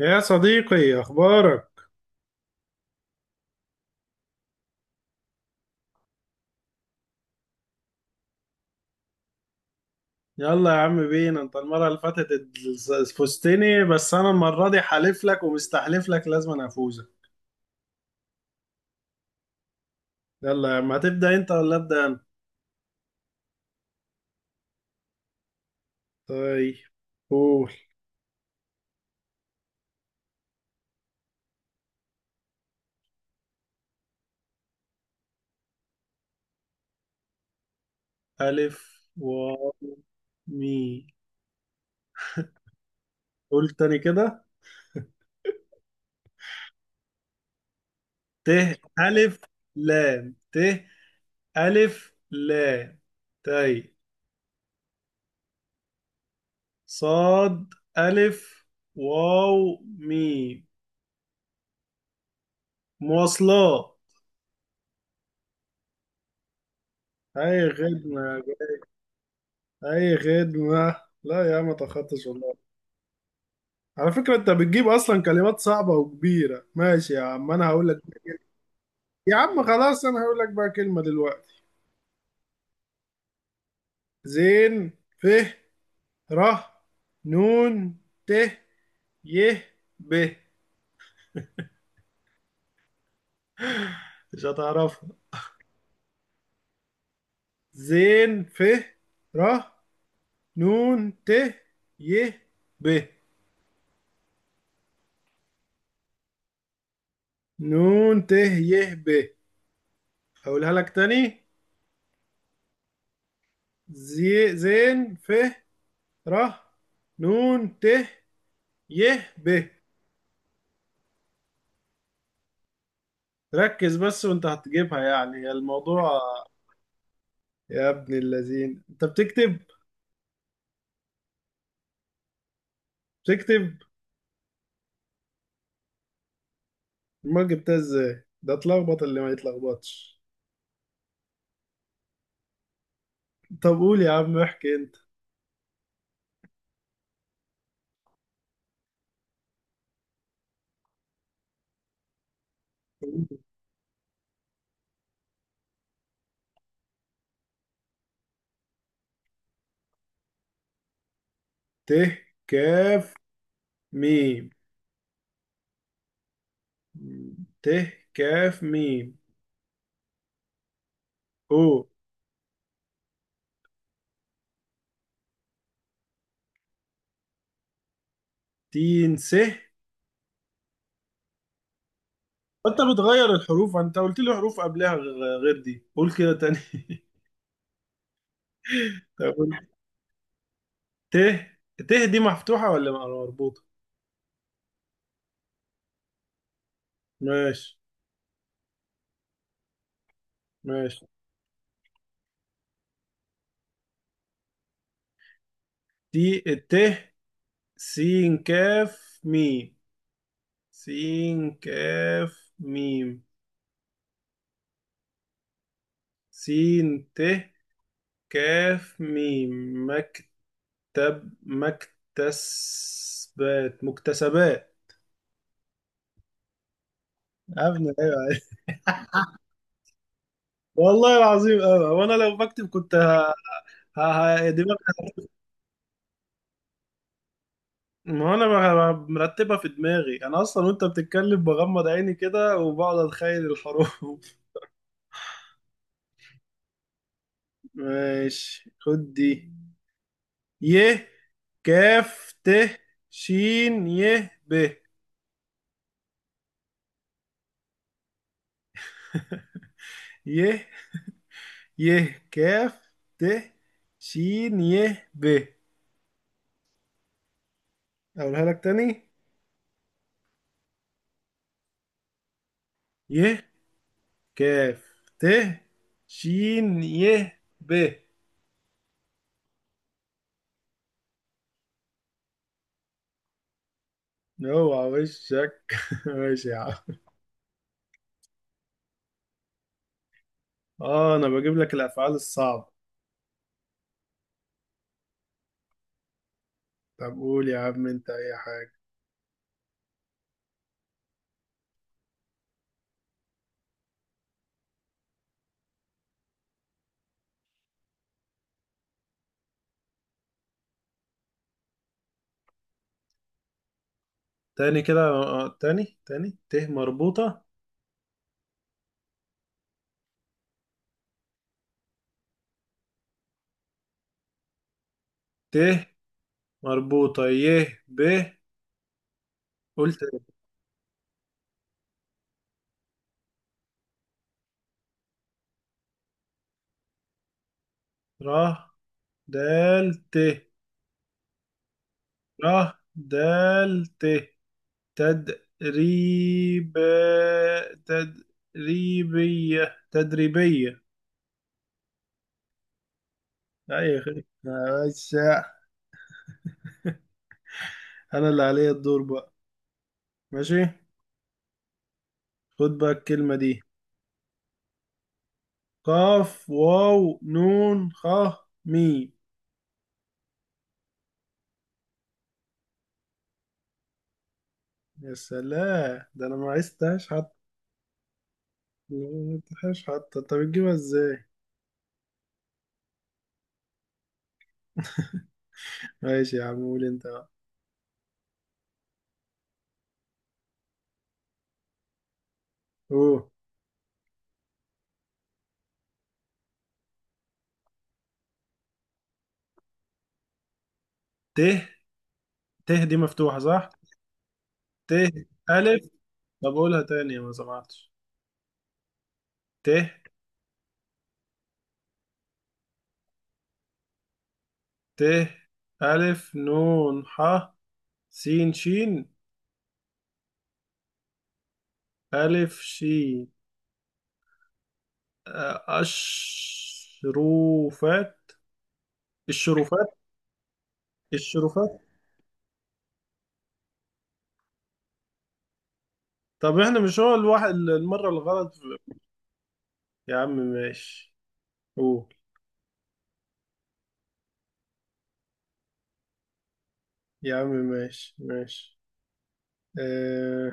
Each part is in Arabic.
يا صديقي، اخبارك؟ يلا يا عم بينا. انت المره اللي فاتت فزتني، بس انا المره دي حالف لك ومستحلف لك لازم أنا افوزك. يلا يا عم، هتبدا انت ولا ابدا انا؟ طيب، قول. الف و مي. قول تاني كده. ت الف لام. ت الف لام. طيب. صاد الف واو مي. مواصلات. اي خدمه. اي خدمة. لا يا عم، ما تاخدتش والله. على فكرة انت بتجيب اصلا كلمات صعبة وكبيرة. ماشي يا عم انا هقول لك. يا عم خلاص، انا هقول لك بقى كلمة دلوقتي. زين ف ر نون ت ي ب. مش هتعرفها. زين ف ر نون ت ي ب. نون ت ي ب. هقولها لك تاني. زين ف ر نون ت يه ب. ركز بس، وانت هتجيبها يعني الموضوع. يا ابن اللذين، انت بتكتب. بتكتب. ما جبتها ازاي، ده اتلخبط اللي ما يتلخبطش. طب قول يا عم احكي انت. ت كاف ميم. ت كاف ميم. او. تين س. انت بتغير الحروف، انت قلت لي حروف قبلها غير دي، قول كده تاني. طب، قول. ت. ت دي مفتوحة ولا مربوطة؟ ماشي. ماشي. تي الت سين كاف ميم. سين كاف ميم. سين ت كاف ميم. مكتب. مكتسبات مكتسبات. ابني، ايوه، أيوة. والله العظيم أوي، وانا لو بكتب كنت ه... دماغي. ما انا مرتبها في دماغي انا اصلا، وانت بتتكلم بغمض عيني كده وبقعد اتخيل الحروف. ماشي، خد دي. ي كاف ت شين ي ب. ي. ي كاف ت شين ي ب. اقولها لك تاني. ي كاف ت شين ي ب. اوعى وشك. ماشي يا عم. اه، انا بجيب لك الافعال الصعبة. طب قول يا عم انت اي حاجة. تاني كده. آه، آه، تاني تاني ت مربوطة. ت مربوطة ي ب. قلت. ر دال ت. ره دال ت. تدريب. تدريبية تدريبية. لا يا أخي بس. أنا اللي عليا الدور بقى. ماشي. خد بقى الكلمة دي. قاف واو نون خ ميم. يا سلام، ده أنا ما عرفتهاش حتى. ما عرفتهاش حتى، أنت بتجيبها إزاي؟ ماشي يا عم، قول أنت بقى. أوه. ت. ت دي مفتوحة صح؟ ت ألف. طب قولها تاني ما سمعتش. ت. ت ألف نون ح. سين شين. ألف شين. آه، أشروفات. الشروفات. الشروفات. طب احنا مش هو الواحد المرة الغلط يا عم ماشي. قول. يا عم ماشي. ماشي. اه...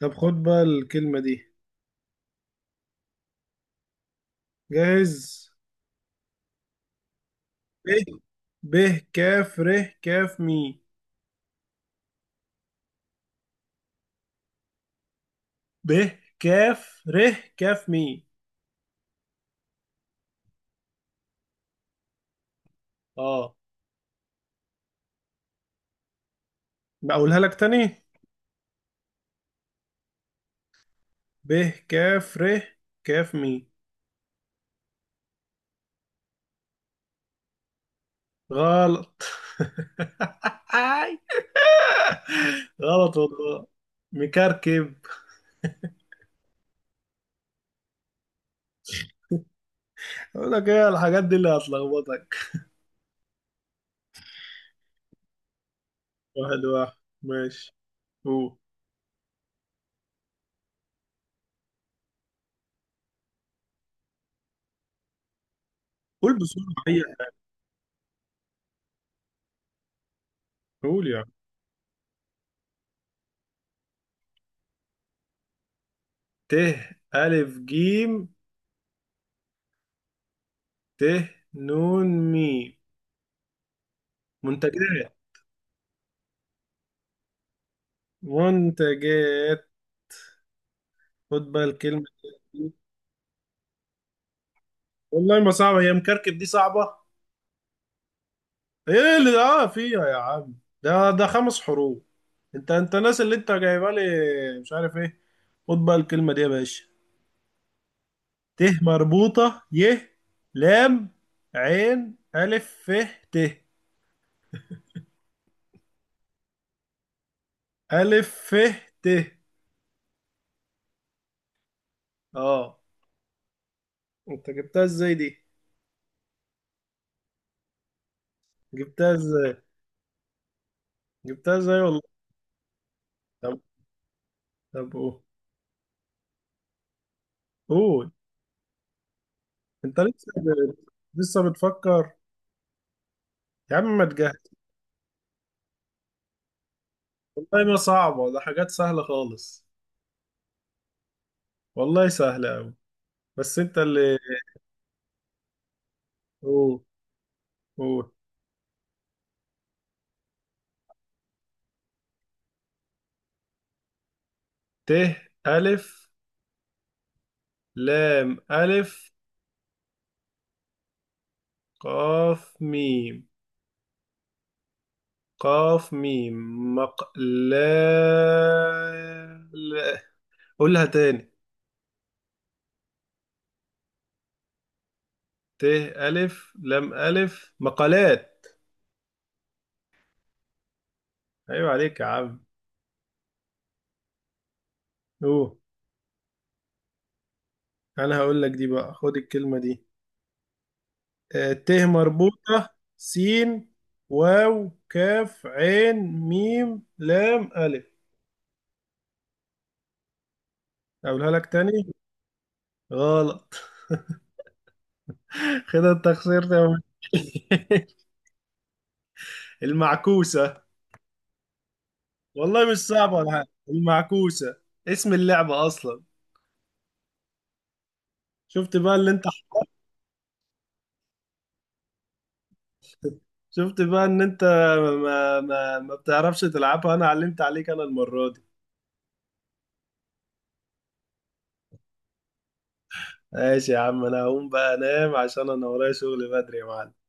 طب، خد بقى الكلمة دي. جاهز. ب. ب كاف ر كاف مي. ب كاف ر كاف مي. اه. بقولها لك تاني. ب كاف ر كاف مي. غلط. غلط والله. مكركب. اقول لك ايه الحاجات دي اللي هتلخبطك. واحد واحد، ماشي. قول. قول بسرعة اي حاجة. قول يعني. ت ألف جيم ت نون ميم. منتجات. منتجات. خد بقى الكلمة دي. والله ما صعبة، هي مكركب دي صعبة. ايه اللي فيها يا عم؟ ده خمس حروف. انت الناس اللي انت جايبها لي، مش عارف ايه. خد بقى الكلمة دي يا باشا. ت مربوطة ي لام عين ألف ف ت. ألف ف ت. اه. انت جبتها ازاي دي؟ جبتها ازاي؟ جبتها ازاي والله. طب طب قول. قول. انت لسه لسه بتفكر. يا عم ما تجهز. والله ما صعبة، ده حاجات سهلة خالص. والله سهلة أوي. بس انت اللي. أوه. أوه. ت ألف لام ألف قاف ميم. قاف ميم. مقلا. لا، قولها تاني. ت ألف لام ألف. مقالات. أيوة عليك يا عم. أوه. أنا هقول لك دي بقى، خد الكلمة دي. آه، ت مربوطة. سين واو كاف عين ميم لام ألف. أقولها لك تاني. غلط. كده انت خسرت يا مان. المعكوسة. والله مش صعبة ولا حاجة، المعكوسة اسم اللعبة أصلا. شفت بقى اللي انت. شفت بقى ان انت ما بتعرفش تلعبها. انا علمت عليك انا المرة دي. ماشي يا عم، انا هقوم بقى انام عشان انا ورايا شغل بدري يا معلم.